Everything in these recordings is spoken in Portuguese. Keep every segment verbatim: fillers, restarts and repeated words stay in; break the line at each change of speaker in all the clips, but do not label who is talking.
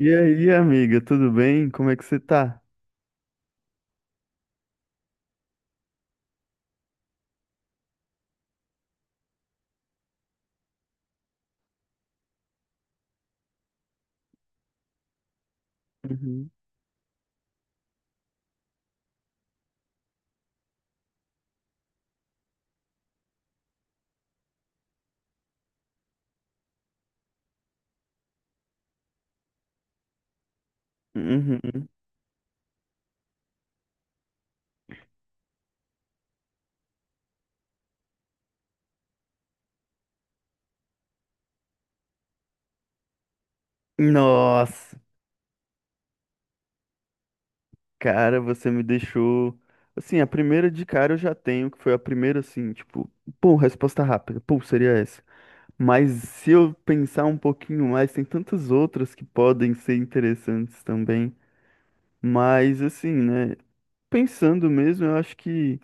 E aí, amiga, tudo bem? Como é que você tá? Uhum. Uhum. Nossa, cara, você me deixou. Assim, a primeira de cara eu já tenho, que foi a primeira, assim, tipo, pô, resposta rápida, pô, seria essa. Mas se eu pensar um pouquinho mais, tem tantas outras que podem ser interessantes também. Mas, assim, né, pensando mesmo, eu acho que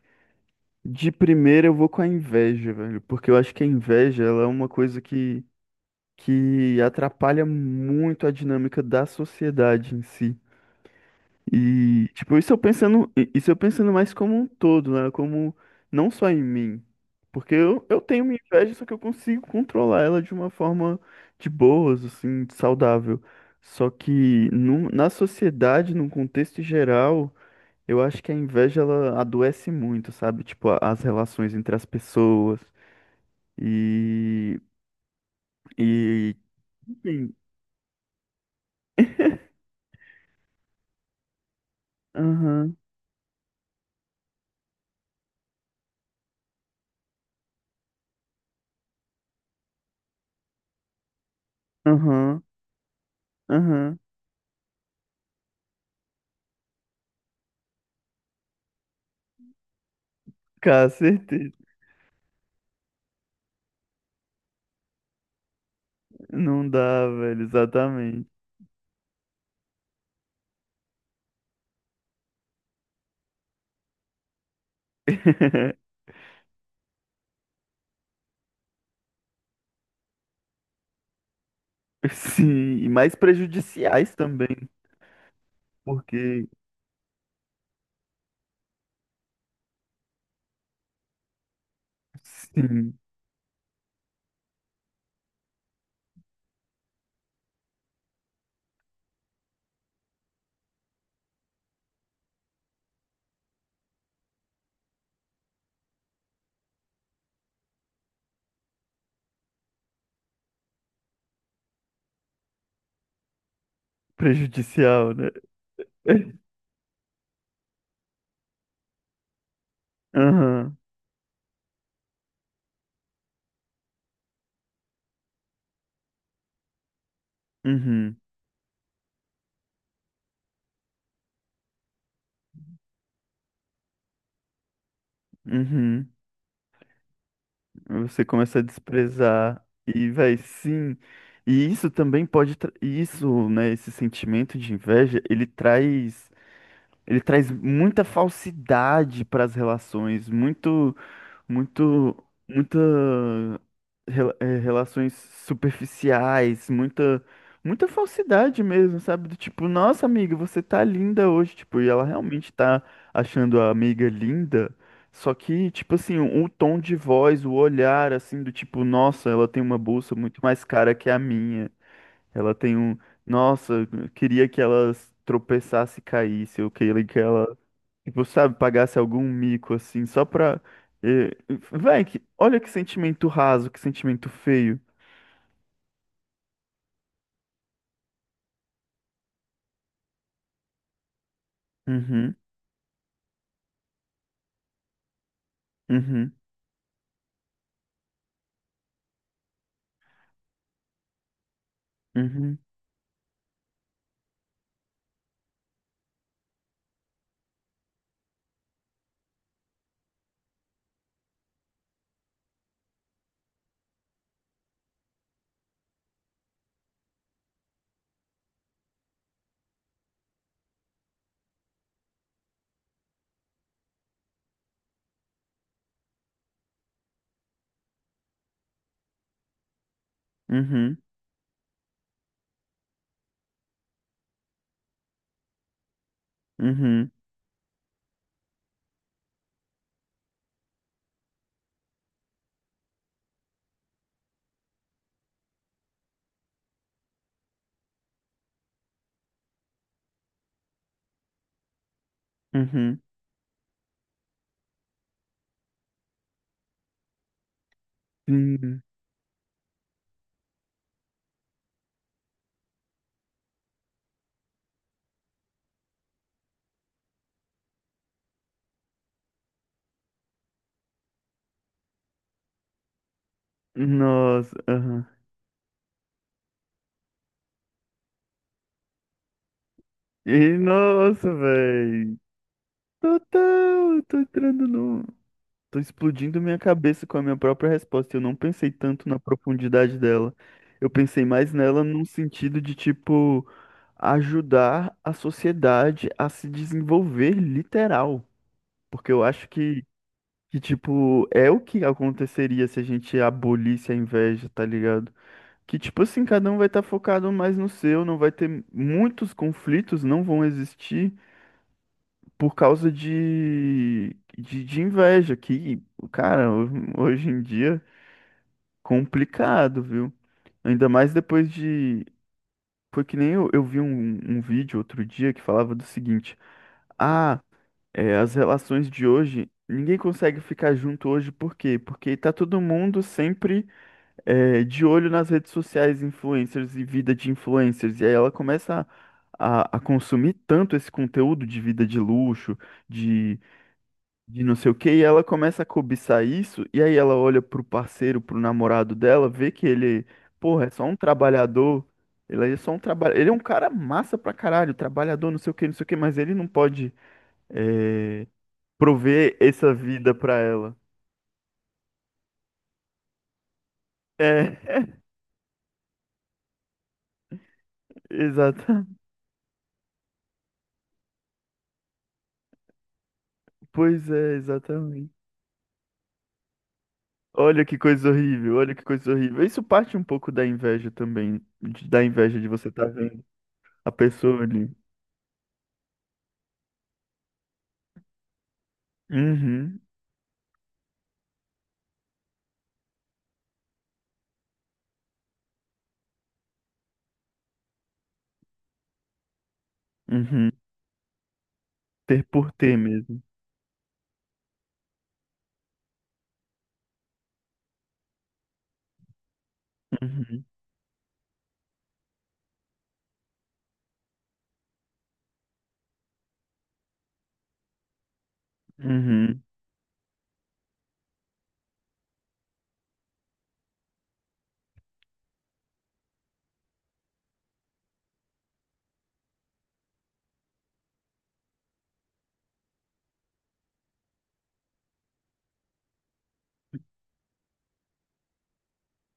de primeira eu vou com a inveja, velho, porque eu acho que a inveja, ela é uma coisa que. Que atrapalha muito a dinâmica da sociedade em si. E, tipo, isso eu pensando, i- isso eu pensando mais como um todo, né? Como não só em mim. Porque eu, eu tenho minha inveja, só que eu consigo controlar ela de uma forma de boas, assim, saudável. Só que num- na sociedade, num contexto geral, eu acho que a inveja ela adoece muito, sabe? Tipo, a- as relações entre as pessoas. E. E. Enfim. Aham. Aham. Aham. Cara, certeza. Não dá, velho, exatamente. Sim, e mais prejudiciais também, porque, sim, prejudicial, né? Aham, uhum, uhum. Você começa a desprezar e vai sim. E isso também pode, tra- e isso, né, esse sentimento de inveja, ele traz, ele traz muita falsidade para as relações, muito muito, muita rela- eh, relações superficiais, muita, muita falsidade mesmo, sabe? Do tipo, nossa amiga, você tá linda hoje, tipo, e ela realmente tá achando a amiga linda. Só que, tipo assim, o tom de voz, o olhar, assim, do tipo, nossa, ela tem uma bolsa muito mais cara que a minha. Ela tem um, nossa, eu queria que ela tropeçasse e caísse, eu queria que ela. Tipo, sabe, pagasse algum mico assim, só pra. eh, Véi, que olha que sentimento raso, que sentimento feio. Uhum, uhum, uhum, uhum, uhum, uhum. Sim. Nossa, aham. E nossa, véi. Total, eu tô entrando no. Tô explodindo minha cabeça com a minha própria resposta. Eu não pensei tanto na profundidade dela. Eu pensei mais nela num sentido de, tipo, ajudar a sociedade a se desenvolver literal. Porque eu acho que, que, tipo, é o que aconteceria se a gente abolisse a inveja, tá ligado? Que, tipo assim, cada um vai estar focado mais no seu, não vai ter muitos conflitos, não vão existir por causa de, de, de inveja, que, cara, ho- hoje em dia, complicado, viu? Ainda mais depois de. Foi que nem eu, eu vi um, um vídeo outro dia que falava do seguinte: ah, é, as relações de hoje, ninguém consegue ficar junto hoje, por quê? Porque tá todo mundo sempre é, de olho nas redes sociais, influencers e vida de influencers, e aí ela começa a, a a consumir tanto esse conteúdo de vida de luxo, de de não sei o quê, e ela começa a cobiçar isso, e aí ela olha pro parceiro, pro namorado dela, vê que ele, porra, é só um trabalhador, ele é só um trabalho, ele é um cara massa pra caralho, trabalhador, não sei o quê, não sei o quê, mas ele não pode eh, prover essa vida pra ela. É, exata. Pois é, exatamente. Olha que coisa horrível, olha que coisa horrível. Isso parte um pouco da inveja também, de- da inveja de você estar vendo a pessoa ali. Uhum, uhum. Ter por ter mesmo. Uhum, uhum,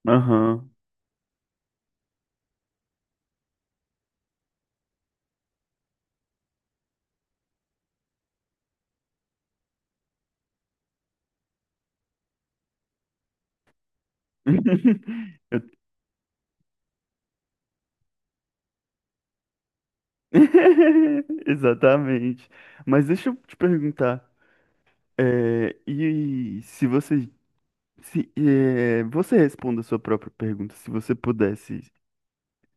aham. Eu- exatamente. Mas deixa eu te perguntar, é, e se você, se, é, você responda a sua própria pergunta, se você pudesse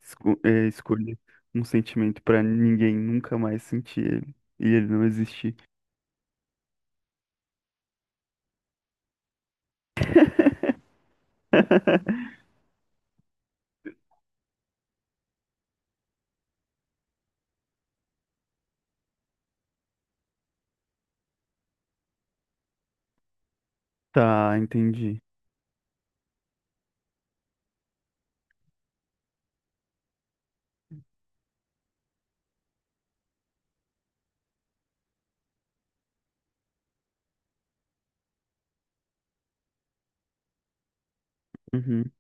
esco- é, escolher um sentimento para ninguém nunca mais sentir ele, e ele não existir. Tá, entendi. Uhum,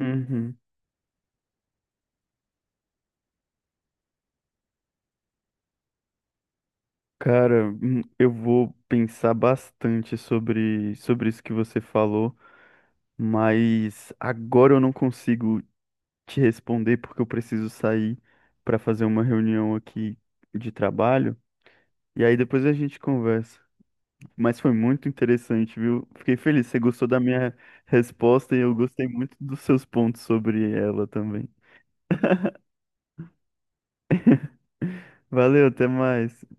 uhum. Cara, hum, eu vou pensar bastante sobre, sobre isso que você falou. Mas agora eu não consigo te responder porque eu preciso sair para fazer uma reunião aqui de trabalho. E aí depois a gente conversa. Mas foi muito interessante, viu? Fiquei feliz. Você gostou da minha resposta e eu gostei muito dos seus pontos sobre ela também. Valeu, até mais.